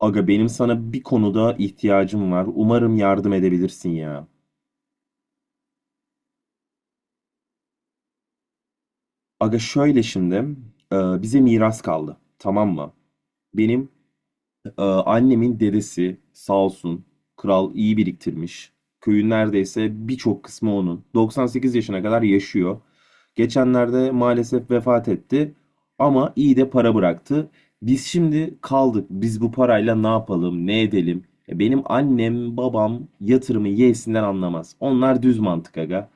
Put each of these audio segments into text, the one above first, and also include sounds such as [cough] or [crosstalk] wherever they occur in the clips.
Aga benim sana bir konuda ihtiyacım var. Umarım yardım edebilirsin ya. Aga şöyle şimdi bize miras kaldı. Tamam mı? Benim annemin dedesi sağ olsun kral iyi biriktirmiş. Köyün neredeyse birçok kısmı onun. 98 yaşına kadar yaşıyor. Geçenlerde maalesef vefat etti ama iyi de para bıraktı. Biz şimdi kaldık. Biz bu parayla ne yapalım, ne edelim? Benim annem, babam yatırımı yeğsinden anlamaz. Onlar düz mantık aga.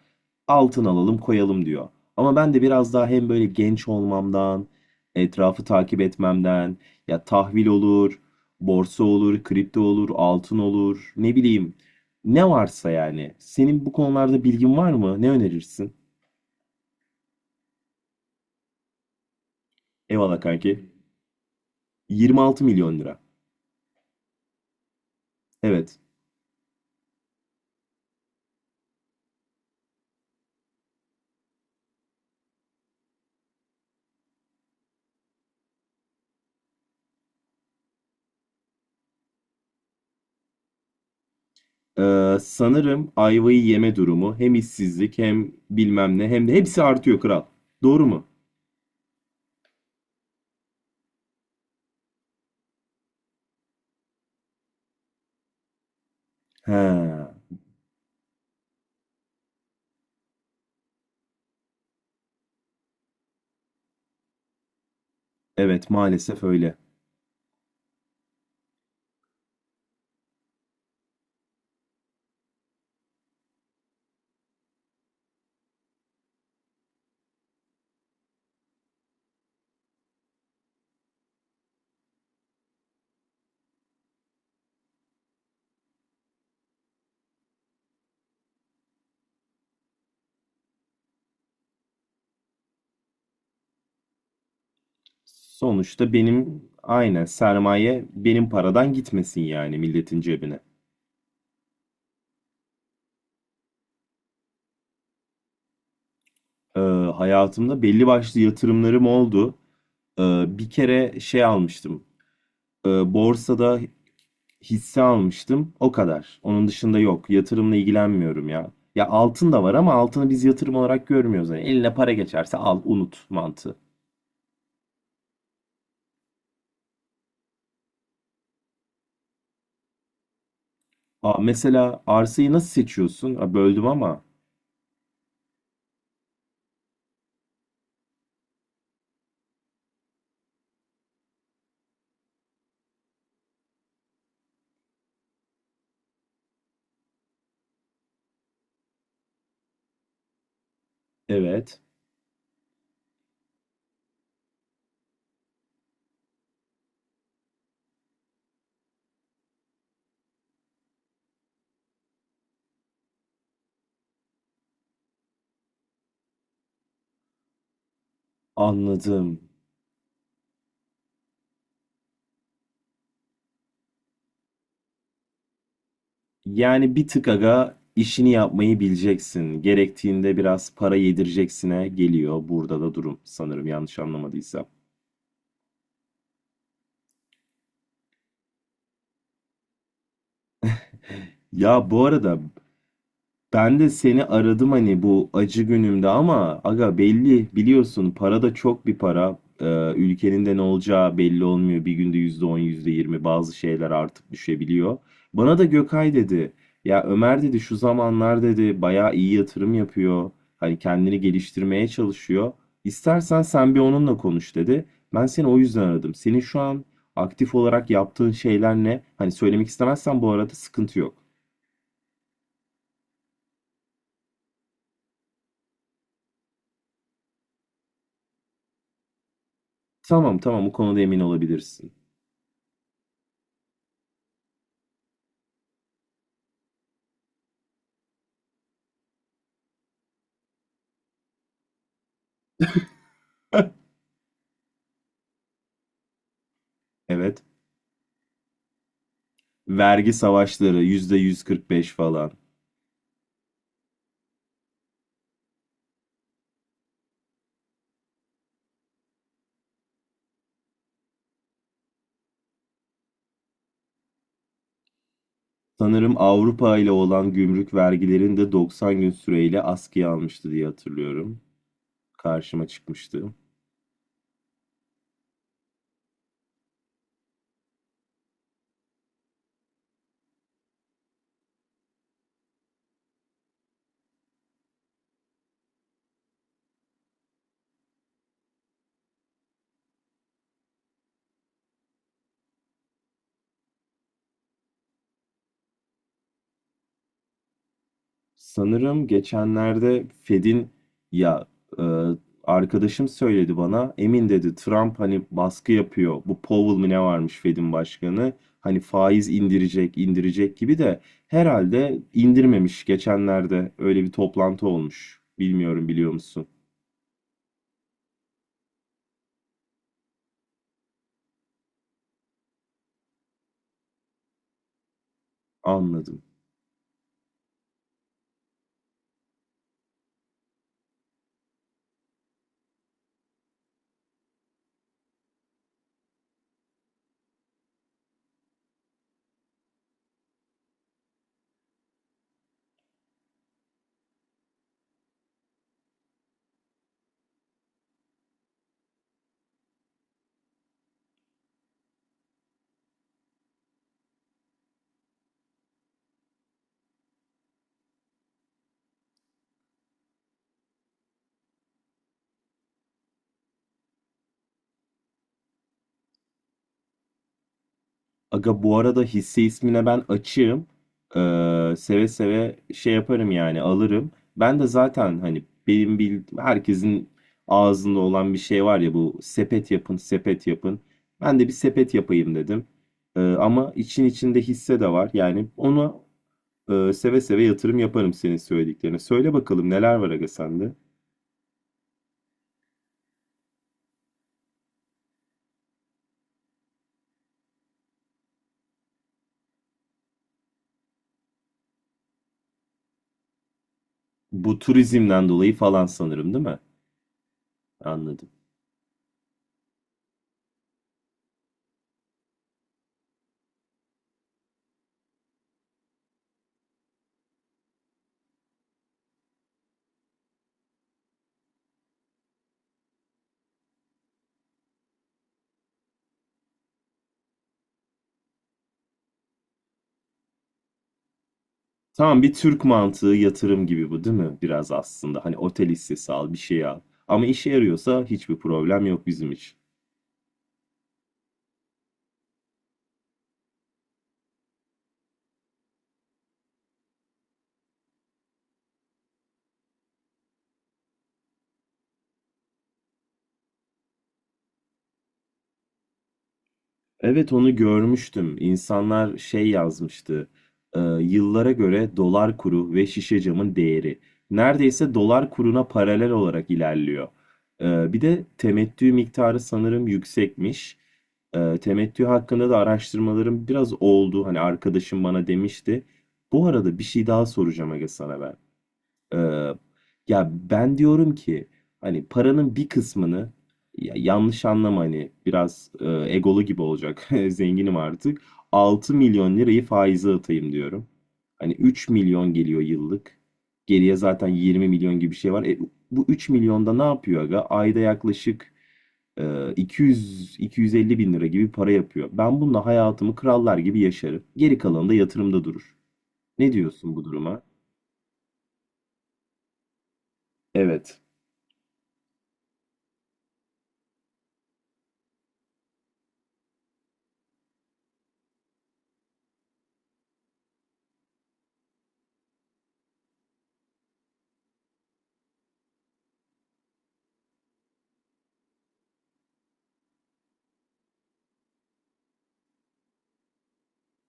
Altın alalım, koyalım diyor. Ama ben de biraz daha hem böyle genç olmamdan, etrafı takip etmemden, ya tahvil olur, borsa olur, kripto olur, altın olur, ne bileyim. Ne varsa yani. Senin bu konularda bilgin var mı? Ne önerirsin? Eyvallah kanki. 26 milyon lira. Evet. Sanırım ayvayı yeme durumu hem işsizlik hem bilmem ne hem de hepsi artıyor kral. Doğru mu? He. Evet, maalesef öyle. Sonuçta benim aynen sermaye benim paradan gitmesin yani milletin cebine. Ee, Hayatımda belli başlı yatırımlarım oldu. Bir kere şey almıştım. Borsada hisse almıştım. O kadar. Onun dışında yok. Yatırımla ilgilenmiyorum ya. Ya altın da var ama altını biz yatırım olarak görmüyoruz. Yani eline para geçerse al, unut mantığı. Aa, mesela arsayı nasıl seçiyorsun? Aa, böldüm ama. Evet. Anladım. Yani bir tık aga işini yapmayı bileceksin. Gerektiğinde biraz para yedireceksine geliyor burada da durum sanırım yanlış anlamadıysam. Ya bu arada ben de seni aradım hani bu acı günümde ama aga belli biliyorsun para da çok bir para. Ülkenin de ne olacağı belli olmuyor. Bir günde %10 %20 bazı şeyler artıp düşebiliyor. Bana da Gökay dedi. Ya Ömer dedi şu zamanlar dedi bayağı iyi yatırım yapıyor. Hani kendini geliştirmeye çalışıyor. İstersen sen bir onunla konuş dedi. Ben seni o yüzden aradım. Senin şu an aktif olarak yaptığın şeyler ne? Hani söylemek istemezsen bu arada sıkıntı yok. Tamam tamam, bu konuda emin olabilirsin. Evet. Vergi savaşları yüzde 145 falan. Sanırım Avrupa ile olan gümrük vergilerini de 90 gün süreyle askıya almıştı diye hatırlıyorum. Karşıma çıkmıştı. Sanırım geçenlerde Fed'in ya, e, arkadaşım söyledi bana. Emin dedi, Trump hani baskı yapıyor. Bu Powell mi ne varmış Fed'in başkanı. Hani faiz indirecek, indirecek gibi de herhalde indirmemiş geçenlerde. Öyle bir toplantı olmuş. Bilmiyorum, biliyor musun? Anladım. Aga bu arada hisse ismine ben açığım. Seve seve şey yaparım yani alırım. Ben de zaten hani benim bildiğim herkesin ağzında olan bir şey var ya, bu sepet yapın sepet yapın. Ben de bir sepet yapayım dedim. Ama için içinde hisse de var. Yani ona seve seve yatırım yaparım senin söylediklerine. Söyle bakalım neler var aga sende? Bu turizmden dolayı falan sanırım değil mi? Anladım. Tamam, bir Türk mantığı yatırım gibi bu değil mi? Biraz aslında hani otel hissesi al, bir şey al. Ama işe yarıyorsa hiçbir problem yok bizim için. Evet, onu görmüştüm. İnsanlar şey yazmıştı. Yıllara göre dolar kuru ve şişe camın değeri. Neredeyse dolar kuruna paralel olarak ilerliyor. E, bir de temettü miktarı sanırım yüksekmiş. E, temettü hakkında da araştırmalarım biraz oldu. Hani arkadaşım bana demişti. Bu arada bir şey daha soracağım aga sana ben. Ee, Ya ben diyorum ki hani paranın bir kısmını, ya yanlış anlama hani biraz egolu gibi olacak, [laughs] zenginim artık, 6 milyon lirayı faize atayım diyorum. Hani 3 milyon geliyor yıllık. Geriye zaten 20 milyon gibi bir şey var. E, bu 3 milyonda ne yapıyor aga? Ayda yaklaşık 200 250 bin lira gibi para yapıyor. Ben bununla hayatımı krallar gibi yaşarım. Geri kalanı da yatırımda durur. Ne diyorsun bu duruma? Evet.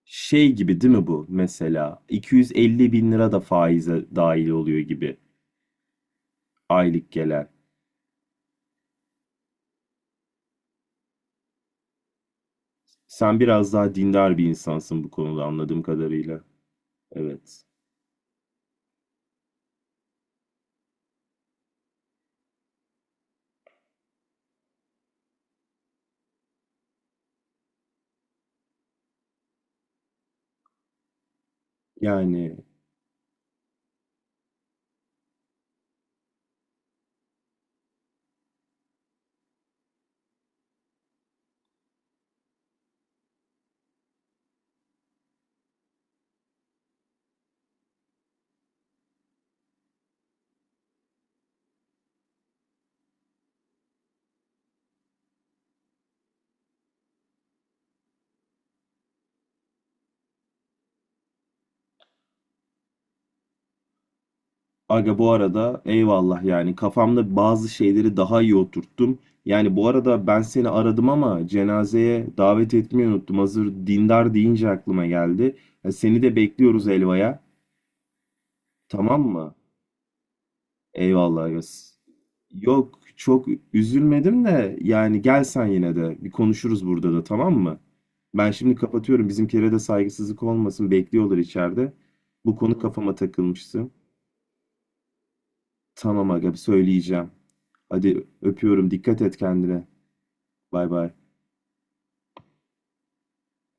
Şey gibi değil mi bu mesela? 250 bin lira da faize dahil oluyor gibi, aylık gelen. Sen biraz daha dindar bir insansın bu konuda anladığım kadarıyla. Evet. Yani aga bu arada eyvallah, yani kafamda bazı şeyleri daha iyi oturttum. Yani bu arada ben seni aradım ama cenazeye davet etmeyi unuttum. Hazır dindar deyince aklıma geldi. Ya seni de bekliyoruz Elva'ya. Tamam mı? Eyvallah Yas. Yok, çok üzülmedim de yani gel sen yine de, bir konuşuruz burada da, tamam mı? Ben şimdi kapatıyorum, bizimkilere de saygısızlık olmasın, bekliyorlar içeride. Bu konu kafama takılmıştı. Tamam aga, söyleyeceğim. Hadi öpüyorum, dikkat et kendine. Bay bay.